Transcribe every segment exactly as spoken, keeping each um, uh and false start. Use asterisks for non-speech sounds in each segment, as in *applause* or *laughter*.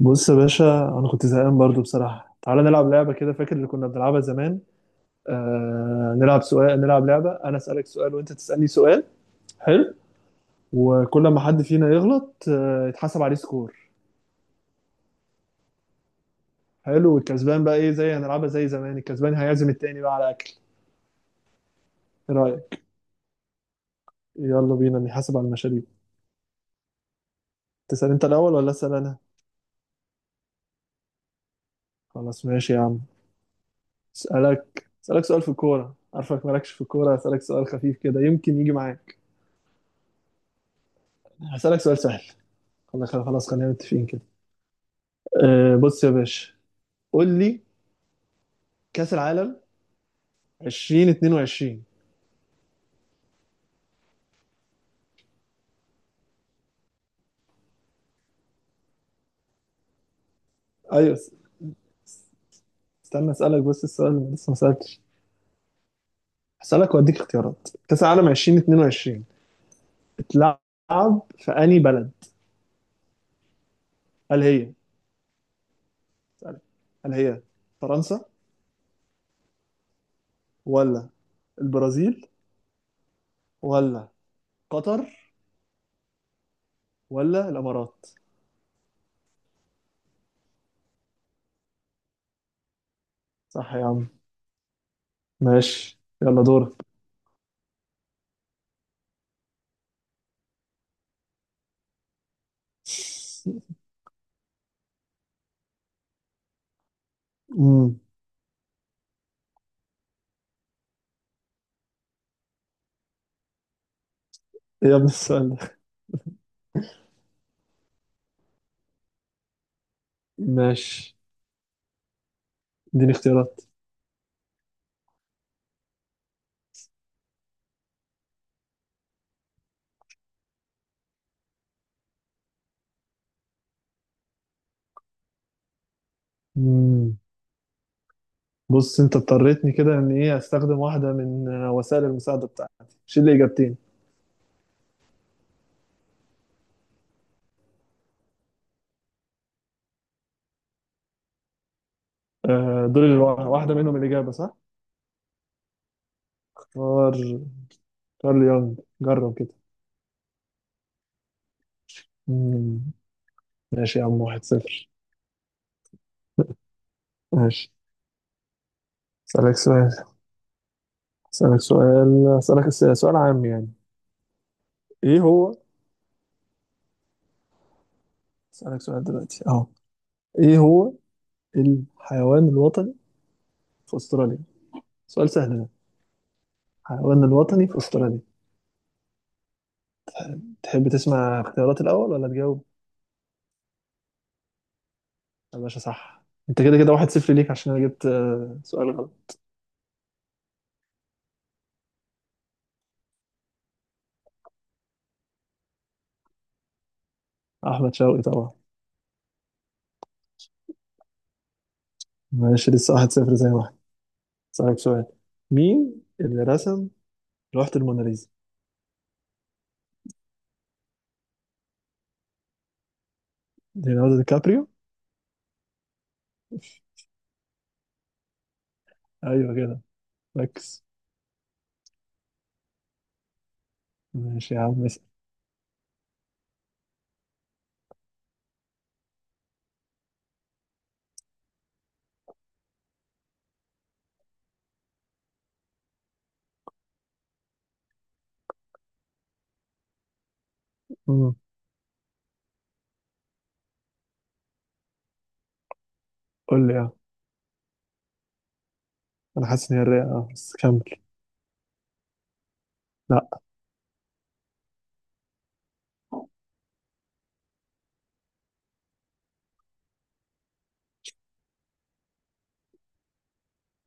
بص يا باشا، انا كنت زهقان برضو بصراحه. تعالى نلعب لعبه كده. فاكر اللي كنا بنلعبها زمان؟ آه نلعب سؤال، نلعب لعبه. انا اسالك سؤال وانت تسالني سؤال. حلو. وكل ما حد فينا يغلط آه يتحسب عليه سكور. حلو، والكسبان بقى ايه؟ زي هنلعبها زي زمان، الكسبان هيعزم التاني بقى على اكل. ايه رايك؟ يلا بينا نحاسب على المشاريب. تسال انت الاول ولا اسال انا؟ خلاص ماشي يا عم. اسالك اسالك سؤال في الكوره. عارفك مالكش في الكوره، اسالك سؤال خفيف كده يمكن يجي معاك. هسالك سؤال سهل. خلاص خلاص خلينا متفقين كده. أه بص يا باشا، قول لي: كأس العالم ألفين واثنين وعشرين. ايوه استنى، اسالك بس السؤال اللي لسه ما سالتش. هسالك واديك اختيارات. كأس العالم ألفين واثنين وعشرين اتلعب في انهي بلد؟ هل هي اسألك. هل هي فرنسا، ولا البرازيل، ولا قطر، ولا الامارات؟ صح يا عم. ماشي يلا دورك. *laughs* امم. إيه يا ابن السؤال ده! ماشي اديني اختيارات. بص انت اضطريتني كده ان ايه استخدم واحده من آه، وسائل المساعده بتاعتي. شيل لي اجابتين. آه، دول اللي وا- واحده منهم الاجابه صح. اختار كارل يونغ، جرب كده. مم. ماشي يا عم، واحد صفر. ماشي. اسالك سؤال، اسالك سؤال، اسالك س- سؤال عام يعني. ايه هو؟ اسالك سؤال دلوقتي اهو. ايه هو الحيوان الوطني في استراليا؟ سؤال سهل ده. الحيوان الوطني في استراليا. تحب تسمع اختيارات الاول ولا تجاوب؟ يا باشا صح. انت كده كده واحد صفر ليك عشان انا جبت آه، سؤال غلط. احمد شوقي طبعا. ماشي، لسه واحد صفر زي واحد. اسالك سؤال: مين اللي رسم لوحة الموناليزا؟ ليوناردو دي كابريو. ايوه كده، ركز. ماشي يا عم، اسال. مم. قول لي اه. انا حاسس ان هي الرئه اه، بس كمل. لا.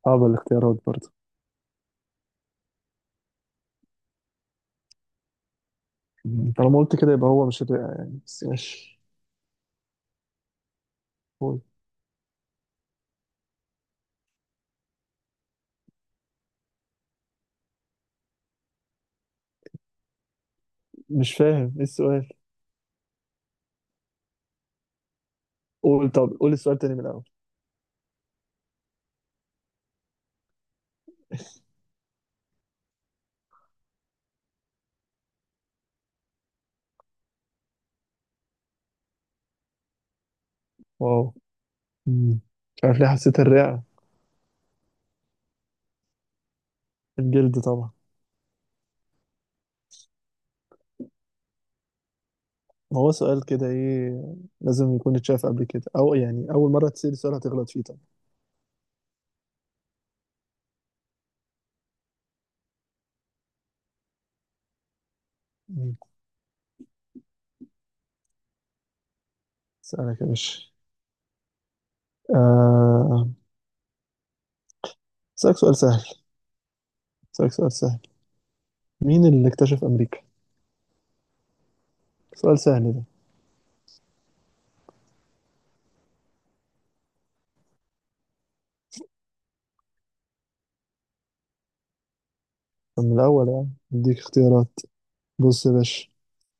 صعبه الاختيارات برضه. مم. طالما قلت كده يبقى هو مش الرئه يعني، بس ماشي. قول. مش فاهم ايه السؤال. قول، طب قول السؤال تاني من الاول. واو. مم. مش عارف ليه حسيت الرئه. الجلد طبعا. ما هو سؤال كده ايه، لازم يكون اتشاف قبل كده، او يعني اول مره تسأل سؤال هتغلط فيه طبعا. مم. اسالك يا باشا. آه، اسالك سؤال سهل. اسالك سؤال سهل: مين اللي اكتشف امريكا؟ سؤال سهل ده. طب من الاول يعني اديك اختيارات. بص يا باشا،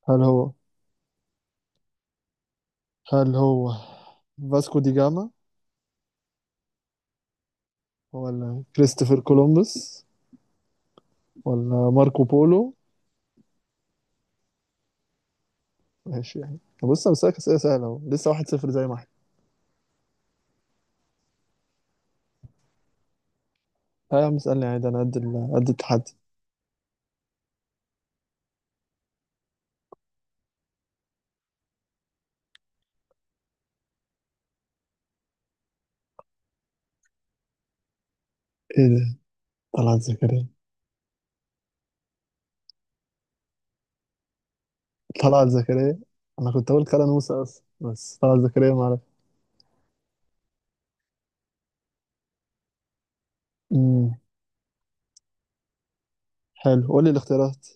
هل هو، هل هو فاسكو دي جاما، ولا كريستوفر كولومبوس، ولا ماركو بولو؟ ماشي يعني. طب بص انا بسألك اسئله سهله اهو، لسه واحد صفر زي ما احنا. اه يا عم اسالني عادي، انا قد ال- قد التحدي. ايه ده؟ طلعت زكريا؟ طلعت زكريا. انا كنت اقول كلا نوسة اصلا، بس طلعت زكريا ما اعرف. امم. حلو، قول لي الاختيارات.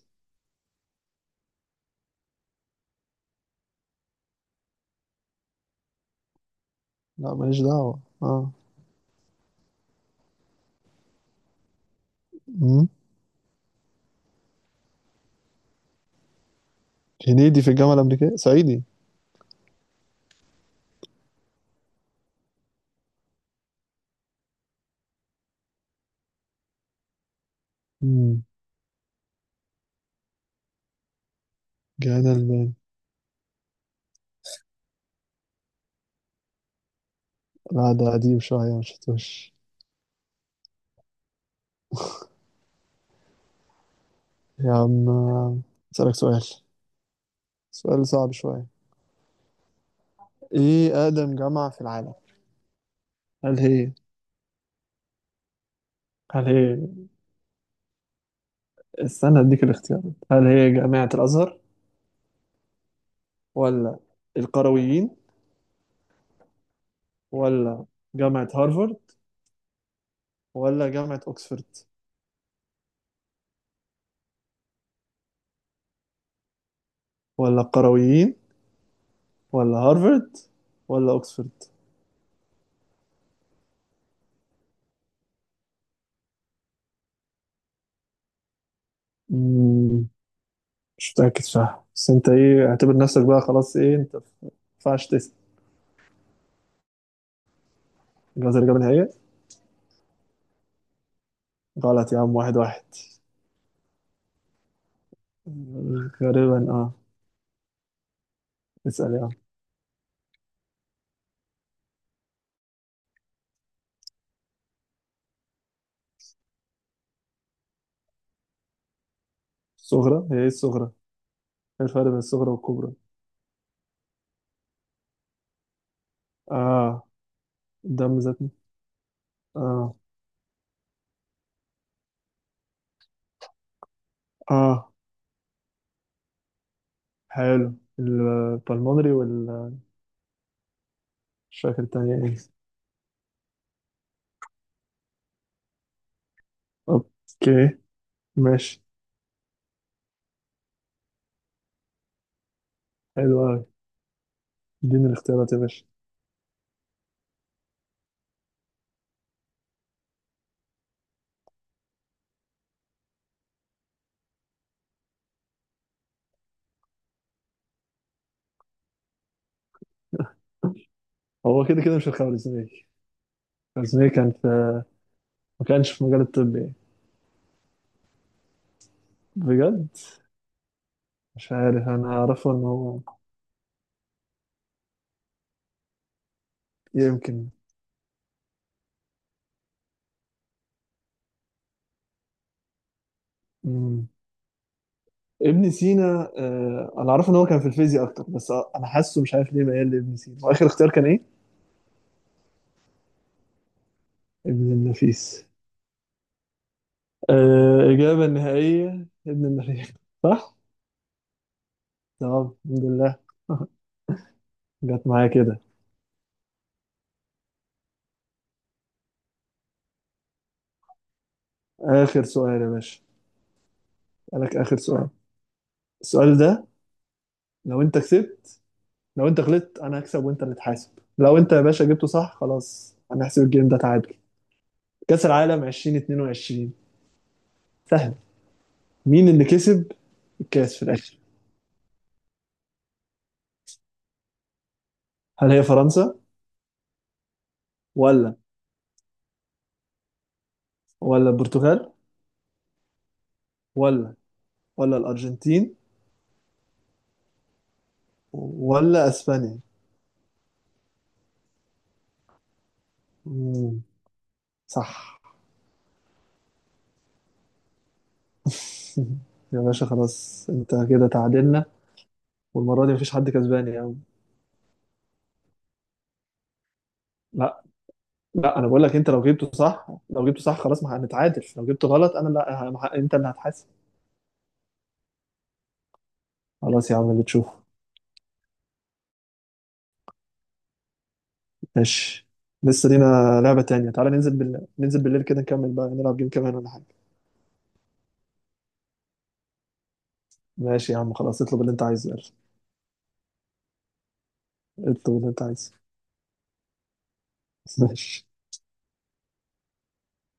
لا ماليش دعوة اه. امم. هنيدي في الجامعة الأمريكية صعيدي. امم. جانا المال. لا ده قديم شوية ما شفتوش. يا عم أسألك سؤال، سؤال صعب شوية: ايه أقدم جامعة في العالم؟ هل هي، هل هي، استنى اديك الاختيارات. هل هي جامعة الأزهر، ولا القرويين، ولا جامعة هارفارد، ولا جامعة أوكسفورد؟ ولا القرويين، ولا هارفرد، ولا اوكسفورد؟ مم، مش متأكد صح بس انت ايه اعتبر نفسك بقى خلاص ايه انت ما ينفعش تسأل. جواز الإجابة النهائية. غلط يا عم، واحد واحد. غالبا اه. اسأل يا عم. الصغرى هي ايه الصغرى؟ ايه الفرق بين الصغرى والكبرى؟ اه. الدم ذاتنا. اه. اه، حلو. البلمونري وال، مش فاكر التانية ايه. اوكي، ماشي. حلو اوي. اديني الاختيارات يا باشا. هو كده كده مش الخمر الزميل، بس هي كان في، ما كانش في مجال الطب يعني. بجد. مش عارف، انا اعرفه ان هو، يمكن. مم. ابن سينا. آه انا اعرفه ان هو كان في الفيزياء اكتر، بس انا حاسه مش عارف ليه ميال لابن سينا. واخر اختيار كان ايه؟ ابن النفيس. آه اجابه النهائيه ابن النفيس. صح. تمام الحمد لله. *laughs* جت معايا كده. اخر سؤال يا باشا لك، اخر سؤال. السؤال ده لو انت كسبت، لو انت غلطت انا هكسب وانت اللي تحاسب، لو انت يا باشا جبته صح خلاص هنحسب الجيم ده تعادل. كأس العالم ألفين واثنين وعشرين، سهل. مين اللي كسب الكأس في الآخر؟ هل هي فرنسا، ولا، ولا البرتغال، ولا، ولا الأرجنتين، ولا أسبانيا؟ مم. صح. *laughs* يا باشا خلاص انت كده تعادلنا، والمرة دي مفيش حد كسبان يا عم. لا، لا انا بقول لك، انت لو جبته صح، لو جبته صح خلاص ما هنتعادل، لو جبته غلط انا لا ه- انت اللي هتحاسب. خلاص يا عم اللي تشوفه. ماشي. لسه لينا لعبة تانية، تعالى ننزل بال... ننزل بالليل كده نكمل بقى نلعب جيم كمان ولا حاجة. ماشي يا عم خلاص، اطلب اللي انت عايزه يلا. اطلب اللي انت عايزه. *laughs* ماشي